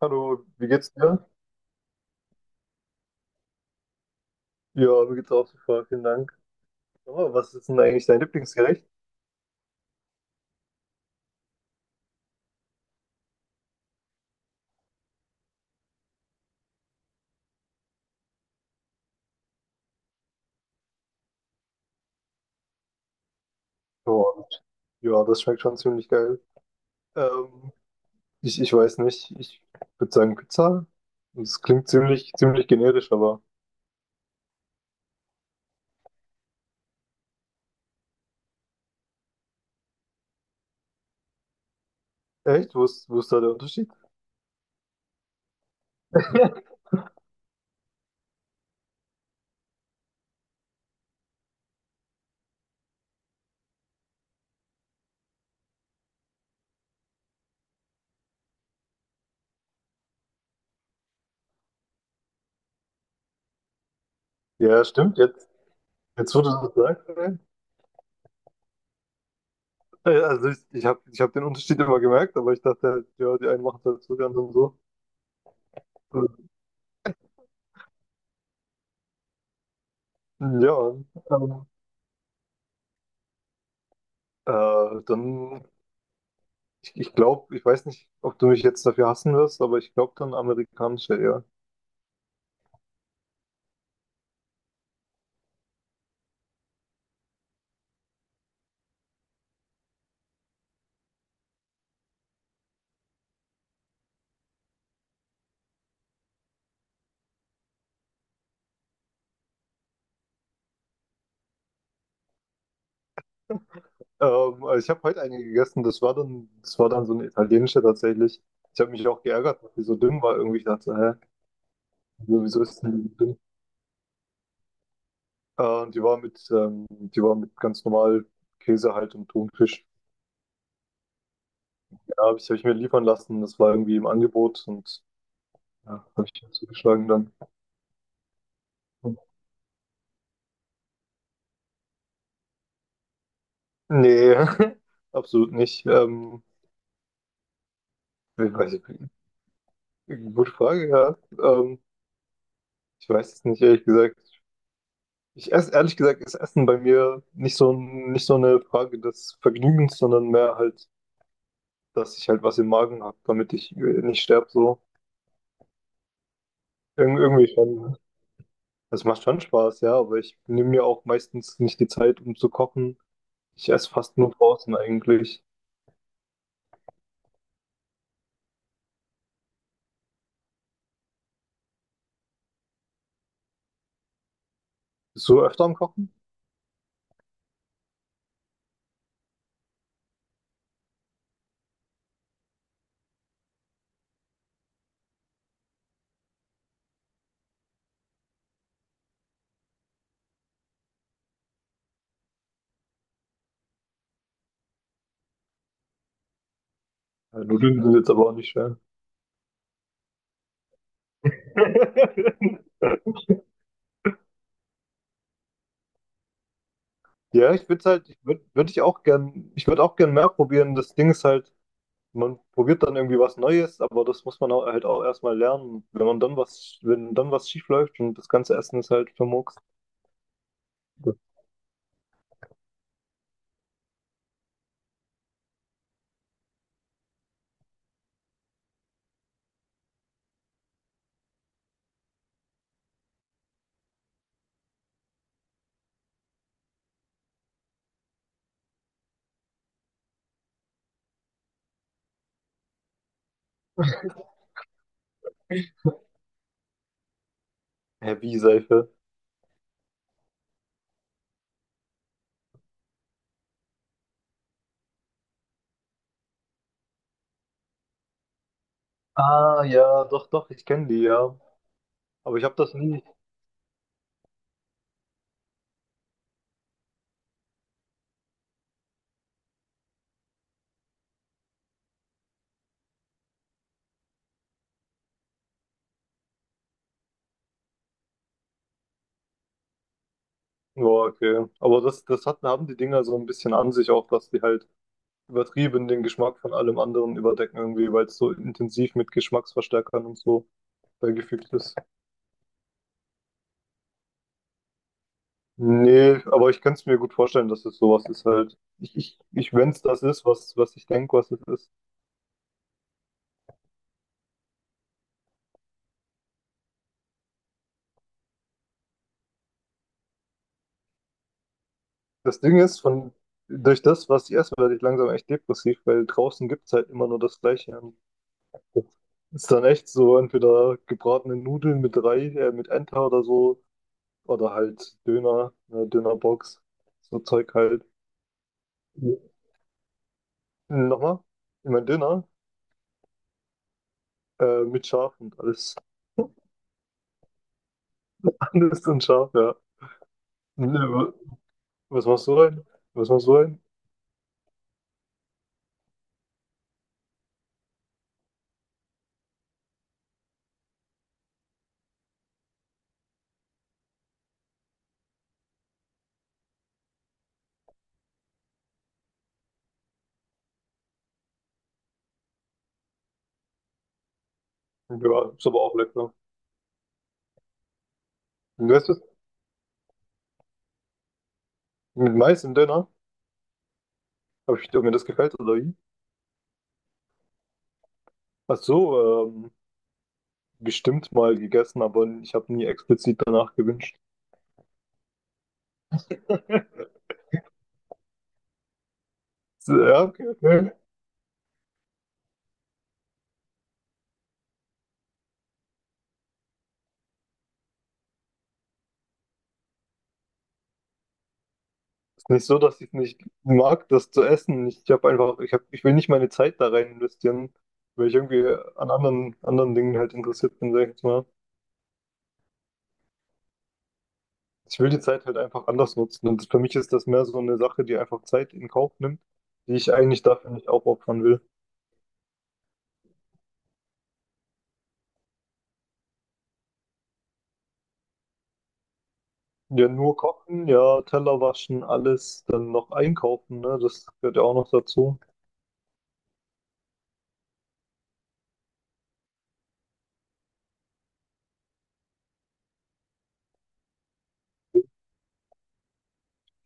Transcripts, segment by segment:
Hallo, wie geht's dir? Ja, mir geht's auch super, vielen Dank. Oh, was ist denn eigentlich dein Lieblingsgericht? Oh, ja, das schmeckt schon ziemlich geil. Ähm, ich weiß nicht, ich würde sagen Pizza. Das klingt ziemlich generisch, aber echt? Wo ist da der Unterschied? Ja, stimmt, jetzt wo du das sagst, ey. Also ich hab den Unterschied immer gemerkt, aber ich dachte halt, ja, die einen machen es halt so ganz und so. Ja, ähm, dann ich glaube, ich weiß nicht, ob du mich jetzt dafür hassen wirst, aber ich glaube dann amerikanische, ja. Also ich habe heute eine gegessen, das war dann so eine italienische tatsächlich. Ich habe mich auch geärgert, dass die so dünn war irgendwie. Ich dachte, so, hä, wieso ist denn die so dünn? Und die war mit ganz normal Käse halt und Thunfisch. Ja, hab ich mir liefern lassen. Das war irgendwie im Angebot und ja, habe ich mir zugeschlagen dann. Nee, absolut nicht. Ich weiß nicht. Gute Frage, ja. Ähm, Ich weiß es nicht, ehrlich gesagt. Ich esse, ehrlich gesagt, ist Essen bei mir nicht so, nicht so eine Frage des Vergnügens, sondern mehr halt, dass ich halt was im Magen habe, damit ich nicht sterbe, so. Irgendwie schon. Das macht schon Spaß, ja, aber ich nehme mir auch meistens nicht die Zeit, um zu kochen. Ich esse fast nur draußen eigentlich. Bist du öfter am Kochen? Ja, Nudeln sind jetzt aber auch nicht schwer. Ja, ich würde halt, ich würde, würde ich auch gern, ich würde auch gern mehr probieren. Das Ding ist halt, man probiert dann irgendwie was Neues, aber das muss man auch, halt auch erstmal lernen. Wenn man dann was, wenn dann was schief läuft und das ganze Essen ist halt vermurkst. Heavy Seife. Ah ja, doch, doch, ich kenne die, ja. Aber ich habe das nie. Ja, okay. Aber das, das hat, haben die Dinger so ein bisschen an sich auch, dass die halt übertrieben den Geschmack von allem anderen überdecken irgendwie, weil es so intensiv mit Geschmacksverstärkern und so beigefügt ist. Nee, aber ich kann es mir gut vorstellen, dass es sowas ist halt. Ich wenn es das ist, was, was ich denke, was es ist. Das Ding ist, von, durch das, was ich esse, werde ich langsam echt depressiv, weil draußen gibt es halt immer nur das Gleiche. Und das ist dann echt so, entweder gebratene Nudeln mit mit Enter oder so, oder halt Döner, eine Dönerbox, so Zeug halt. Ja. Nochmal, ich mein Döner, mit Schaf und alles, alles und Schaf, ja. Ne, wa- Was machst du rein? Was machst du rein? Ja, ist aber auch lecker. Und weißt du, mit Mais im Döner, habe ich, ob mir das gefällt oder wie? Ach so, bestimmt mal gegessen, aber ich habe nie explizit danach gewünscht. So, ja, okay, okay. Ist nicht so, dass ich nicht mag, das zu essen. Ich habe einfach, ich will nicht meine Zeit da rein investieren, weil ich irgendwie an anderen Dingen halt interessiert bin, sag ich jetzt mal. Ich will die Zeit halt einfach anders nutzen. Und für mich ist das mehr so eine Sache, die einfach Zeit in Kauf nimmt, die ich eigentlich dafür nicht aufopfern will. Ja, nur kochen, ja, Teller waschen, alles, dann noch einkaufen, ne? Das gehört ja auch noch dazu.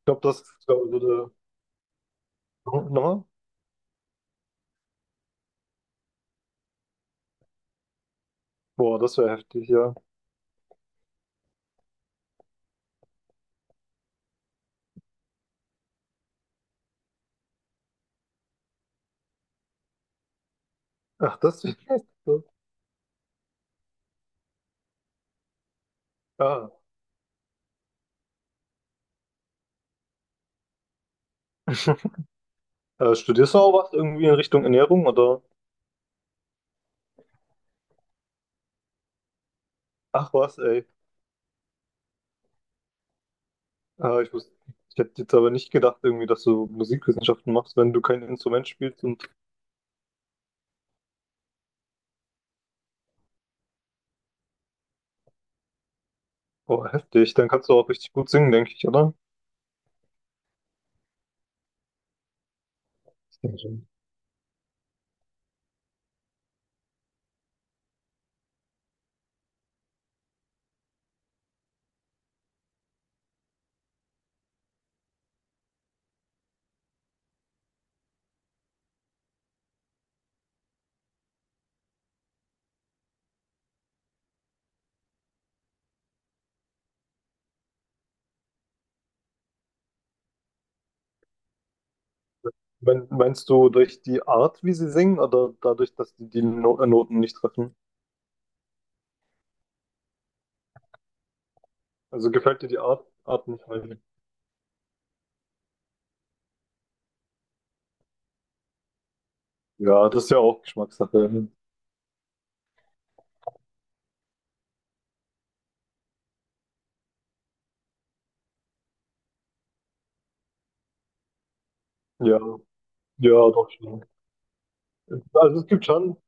Ich glaube, das ist, glaube ich, so der. Nochmal? Boah, das wäre heftig, ja. Ach, das wäre heftig. Ja. Studierst du auch was irgendwie in Richtung Ernährung oder? Ach was, ey. Äh, ich wusste, ich hätte jetzt aber nicht gedacht irgendwie, dass du Musikwissenschaften machst, wenn du kein Instrument spielst und oh, heftig, dann kannst du auch richtig gut singen, denke ich, oder? Dankeschön. Meinst du durch die Art, wie sie singen, oder dadurch, dass die die No- Noten nicht treffen? Also gefällt dir die Art nicht? Weil Ja, das ist ja auch Geschmackssache. Ja, ja, doch schon. Also es gibt schon.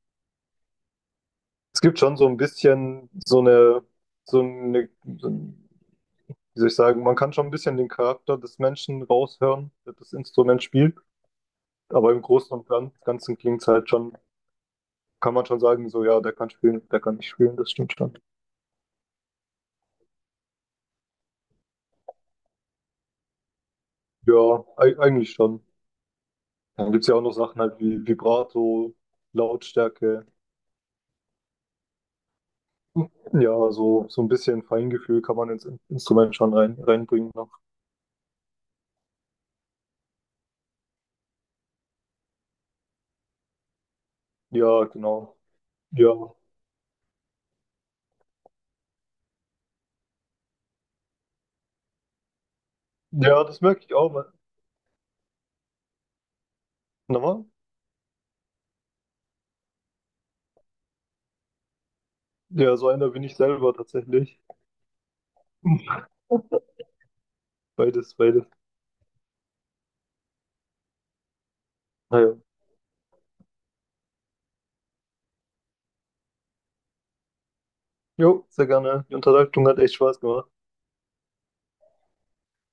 Es gibt schon so ein bisschen so so eine, so ein, wie soll ich sagen, man kann schon ein bisschen den Charakter des Menschen raushören, der das Instrument spielt. Aber im Großen und Ganzen klingt es halt schon, kann man schon sagen, so ja, der kann spielen, der kann nicht spielen, das stimmt schon. Ja, eigentlich schon. Dann gibt es ja auch noch Sachen halt wie Vibrato, Lautstärke. Ja, so, so ein bisschen Feingefühl kann man ins Instrument schon reinbringen noch. Ja, genau. Ja. Ja, das merke ich auch. Nochmal? Ja, so einer bin ich selber tatsächlich. Beides, beides. Naja. Jo, sehr gerne. Die Unterhaltung hat echt Spaß gemacht.